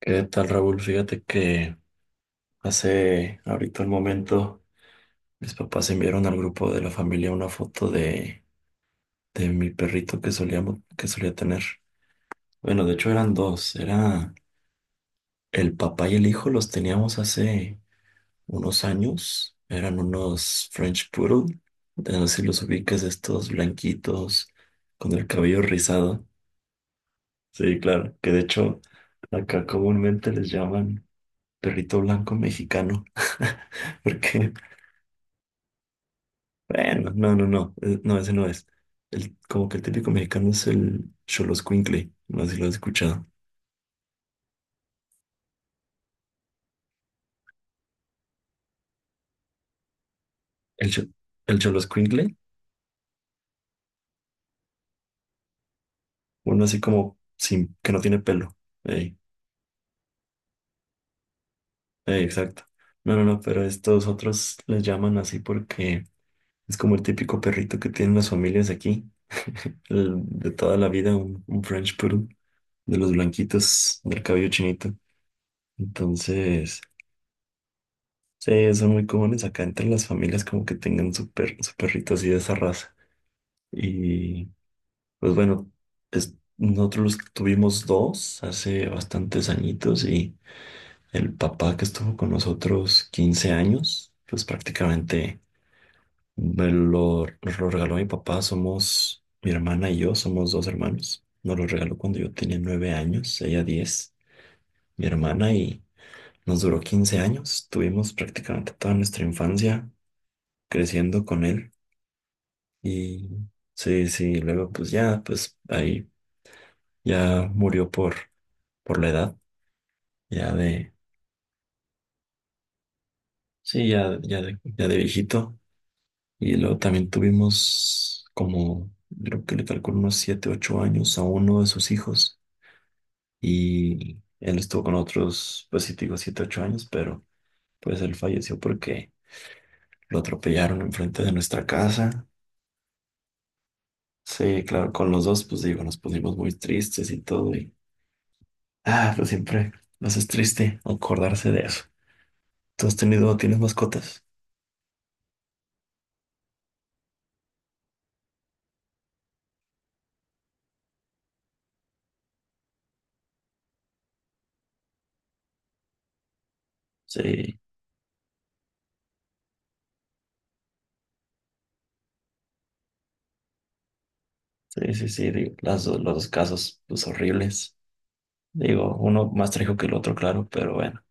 ¿Qué tal, Raúl? Fíjate que hace ahorita el momento mis papás enviaron al grupo de la familia una foto de mi perrito que solía tener. Bueno, de hecho eran dos, era el papá y el hijo, los teníamos hace unos años, eran unos French Poodle, de no sé si los ubicas, estos blanquitos con el cabello rizado. Sí, claro, que de hecho acá comúnmente les llaman perrito blanco mexicano. Porque Bueno, no, no, no, no, ese no es. Como que el típico mexicano es el Xoloscuincle, no sé si lo has escuchado. El, cho- el Xoloscuincle, uno así como sin, que no tiene pelo. Ey, ey, exacto. No, no, no, pero estos otros les llaman así porque es como el típico perrito que tienen las familias aquí, el de toda la vida, un French Poodle, de los blanquitos, del cabello chinito. Entonces, sí, son muy comunes acá entre las familias como que tengan su, per- su perrito así de esa raza. Y pues bueno, nosotros tuvimos dos hace bastantes añitos y el papá que estuvo con nosotros 15 años, pues prácticamente nos lo regaló mi papá. Mi hermana y yo somos dos hermanos. Nos lo regaló cuando yo tenía 9 años, ella 10, mi hermana, y nos duró 15 años. Tuvimos prácticamente toda nuestra infancia creciendo con él y... Sí, sí, luego pues ya, pues ahí ya murió por la edad, ya de, sí, ya de viejito. Y luego también tuvimos como, creo que le calculo unos 7 8 años a uno de sus hijos. Y él estuvo con otros, pues sí, te digo 7 8 años, pero pues él falleció porque lo atropellaron enfrente de nuestra casa. Sí, claro, con los dos, pues digo, nos pusimos muy tristes y todo. Pues siempre nos es triste acordarse de eso. ¿Tú tienes mascotas? Sí. Sí, sí, sí, digo, los dos casos, pues horribles. Digo, uno más trágico que el otro, claro, pero bueno,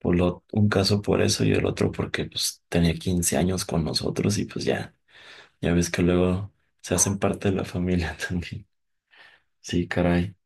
un caso por eso y el otro porque pues tenía 15 años con nosotros y pues ya ves que luego se hacen parte de la familia también. Sí, caray.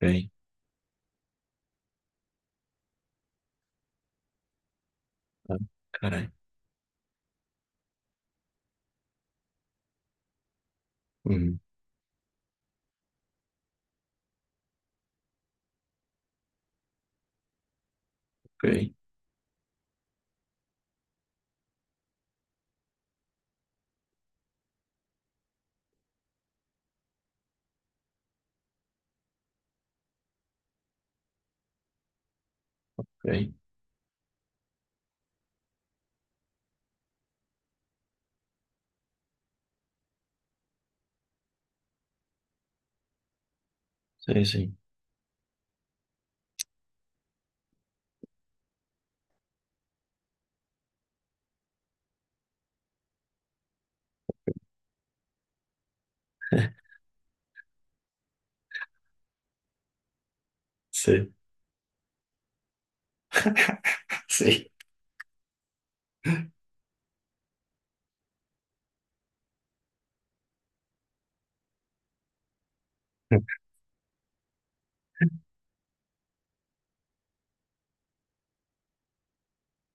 Ok. Ah, caray. Mm. Ok, ok. Sí, sí. Sí, sí.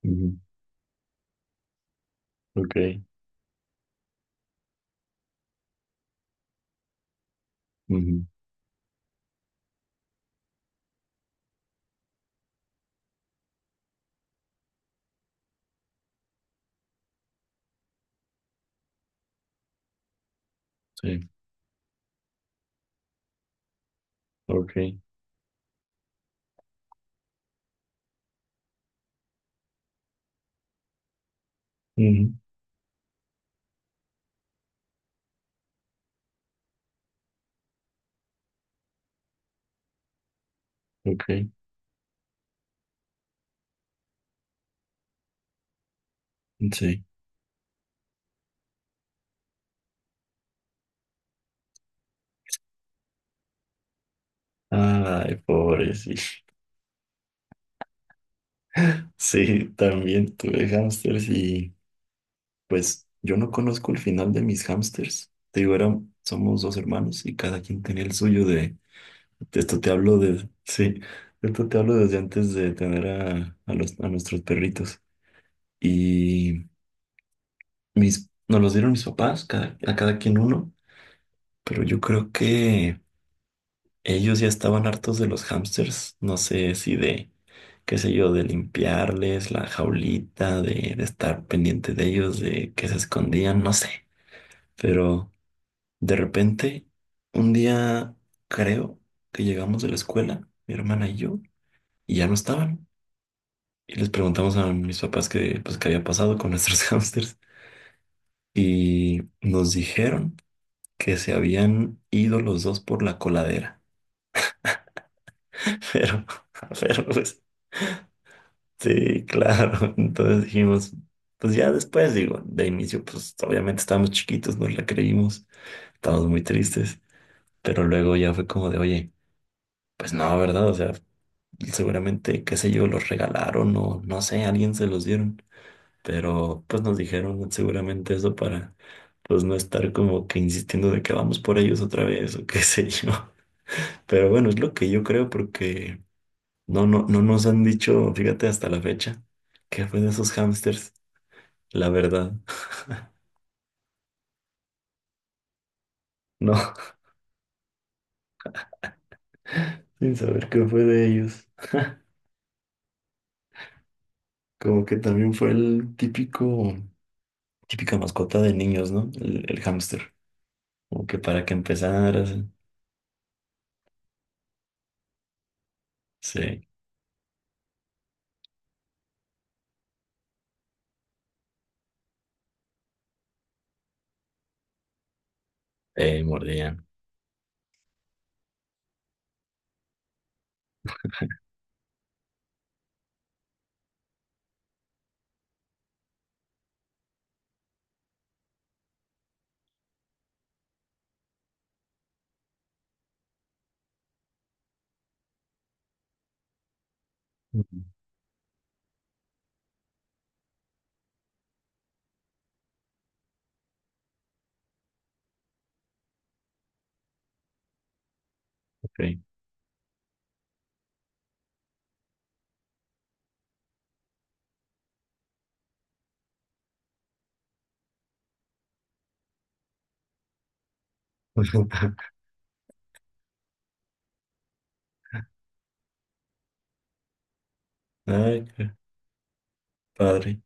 Ujú. Ok. Ujú. Sí. Ok. Ujú. Ok. Sí. Ay, pobrecito. Sí, también tuve hámsters y pues yo no conozco el final de mis hámsters. Te digo, somos dos hermanos y cada quien tenía el suyo de esto te hablo sí, de esto te hablo desde antes de tener a nuestros perritos. Y nos los dieron mis papás, a cada quien uno, pero yo creo que ellos ya estaban hartos de los hámsters, no sé si de, qué sé yo, de limpiarles la jaulita, de estar pendiente de ellos, de que se escondían, no sé. Pero de repente, un día creo que llegamos de la escuela, mi hermana y yo, y ya no estaban. Y les preguntamos a mis papás pues, qué había pasado con nuestros hámsters. Y nos dijeron que se habían ido los dos por la coladera. Pero, pero pues, sí, claro. Entonces dijimos, pues ya después, digo, de inicio, pues obviamente estábamos chiquitos, nos la creímos, estábamos muy tristes, pero luego ya fue como de, oye, pues no, ¿verdad? O sea, seguramente, qué sé yo, los regalaron o no sé, alguien se los dieron, pero pues nos dijeron seguramente eso para, pues no estar como que insistiendo de que vamos por ellos otra vez o qué sé yo. Pero bueno, es lo que yo creo porque no, no, no nos han dicho, fíjate, hasta la fecha, que fue de esos hámsters, la verdad. No. Sin saber qué fue de ellos. Como que también fue el típica mascota de niños, ¿no? El hámster. Como que para que empezara, se mordían. Mm. Ok. Ay, qué padre.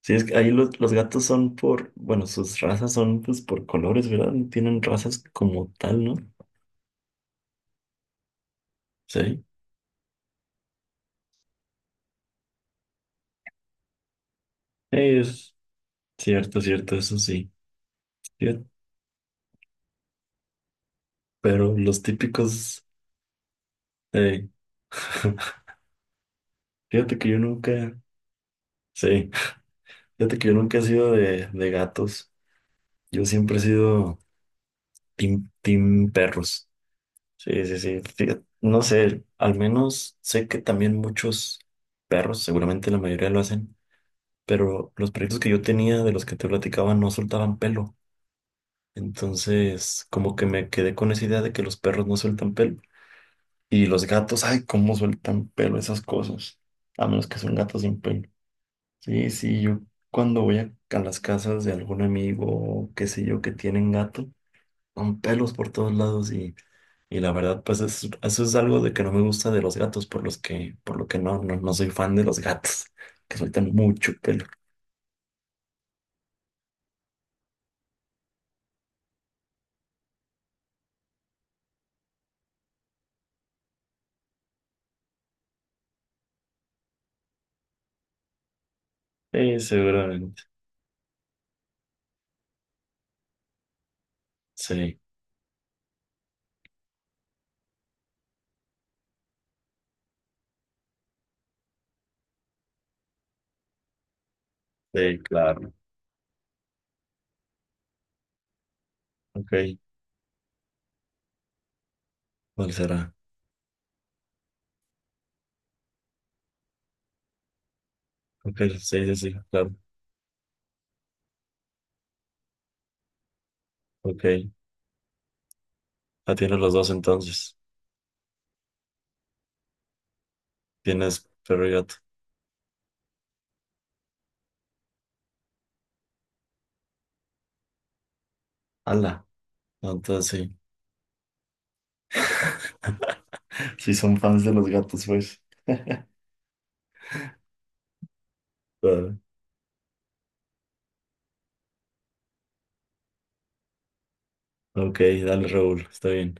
Sí, es que ahí los gatos son por, bueno, sus razas son pues por colores, ¿verdad? No tienen razas como tal, ¿no? Sí. Es cierto, cierto, eso sí. Fíjate, pero los típicos, eh, fíjate que yo nunca. Sí, fíjate que yo nunca he sido de gatos. Yo siempre he sido team perros. Sí, sí, sí. Fíjate, no sé, al menos sé que también muchos perros, seguramente la mayoría lo hacen, pero los perritos que yo tenía, de los que te platicaba, no soltaban pelo. Entonces, como que me quedé con esa idea de que los perros no sueltan pelo. Y los gatos, ay, cómo sueltan pelo esas cosas. A menos que son gatos sin pelo. Sí, sí, yo cuando voy a las casas de algún amigo, o qué sé yo, que tienen gato, son pelos por todos lados y la verdad, pues eso es algo de que no me gusta de los gatos, por lo que no, soy fan de los gatos, que sueltan mucho pelo. Sí, seguramente. Sí, sí, claro. Ok, ¿cuál será? Ok, sí, sí, sí, claro. Ok. Tienes los dos entonces. Tienes perro y gato. Ala, entonces sí. Sí, son fans de los gatos, pues. Ah. Ok, dale, Raúl, está bien.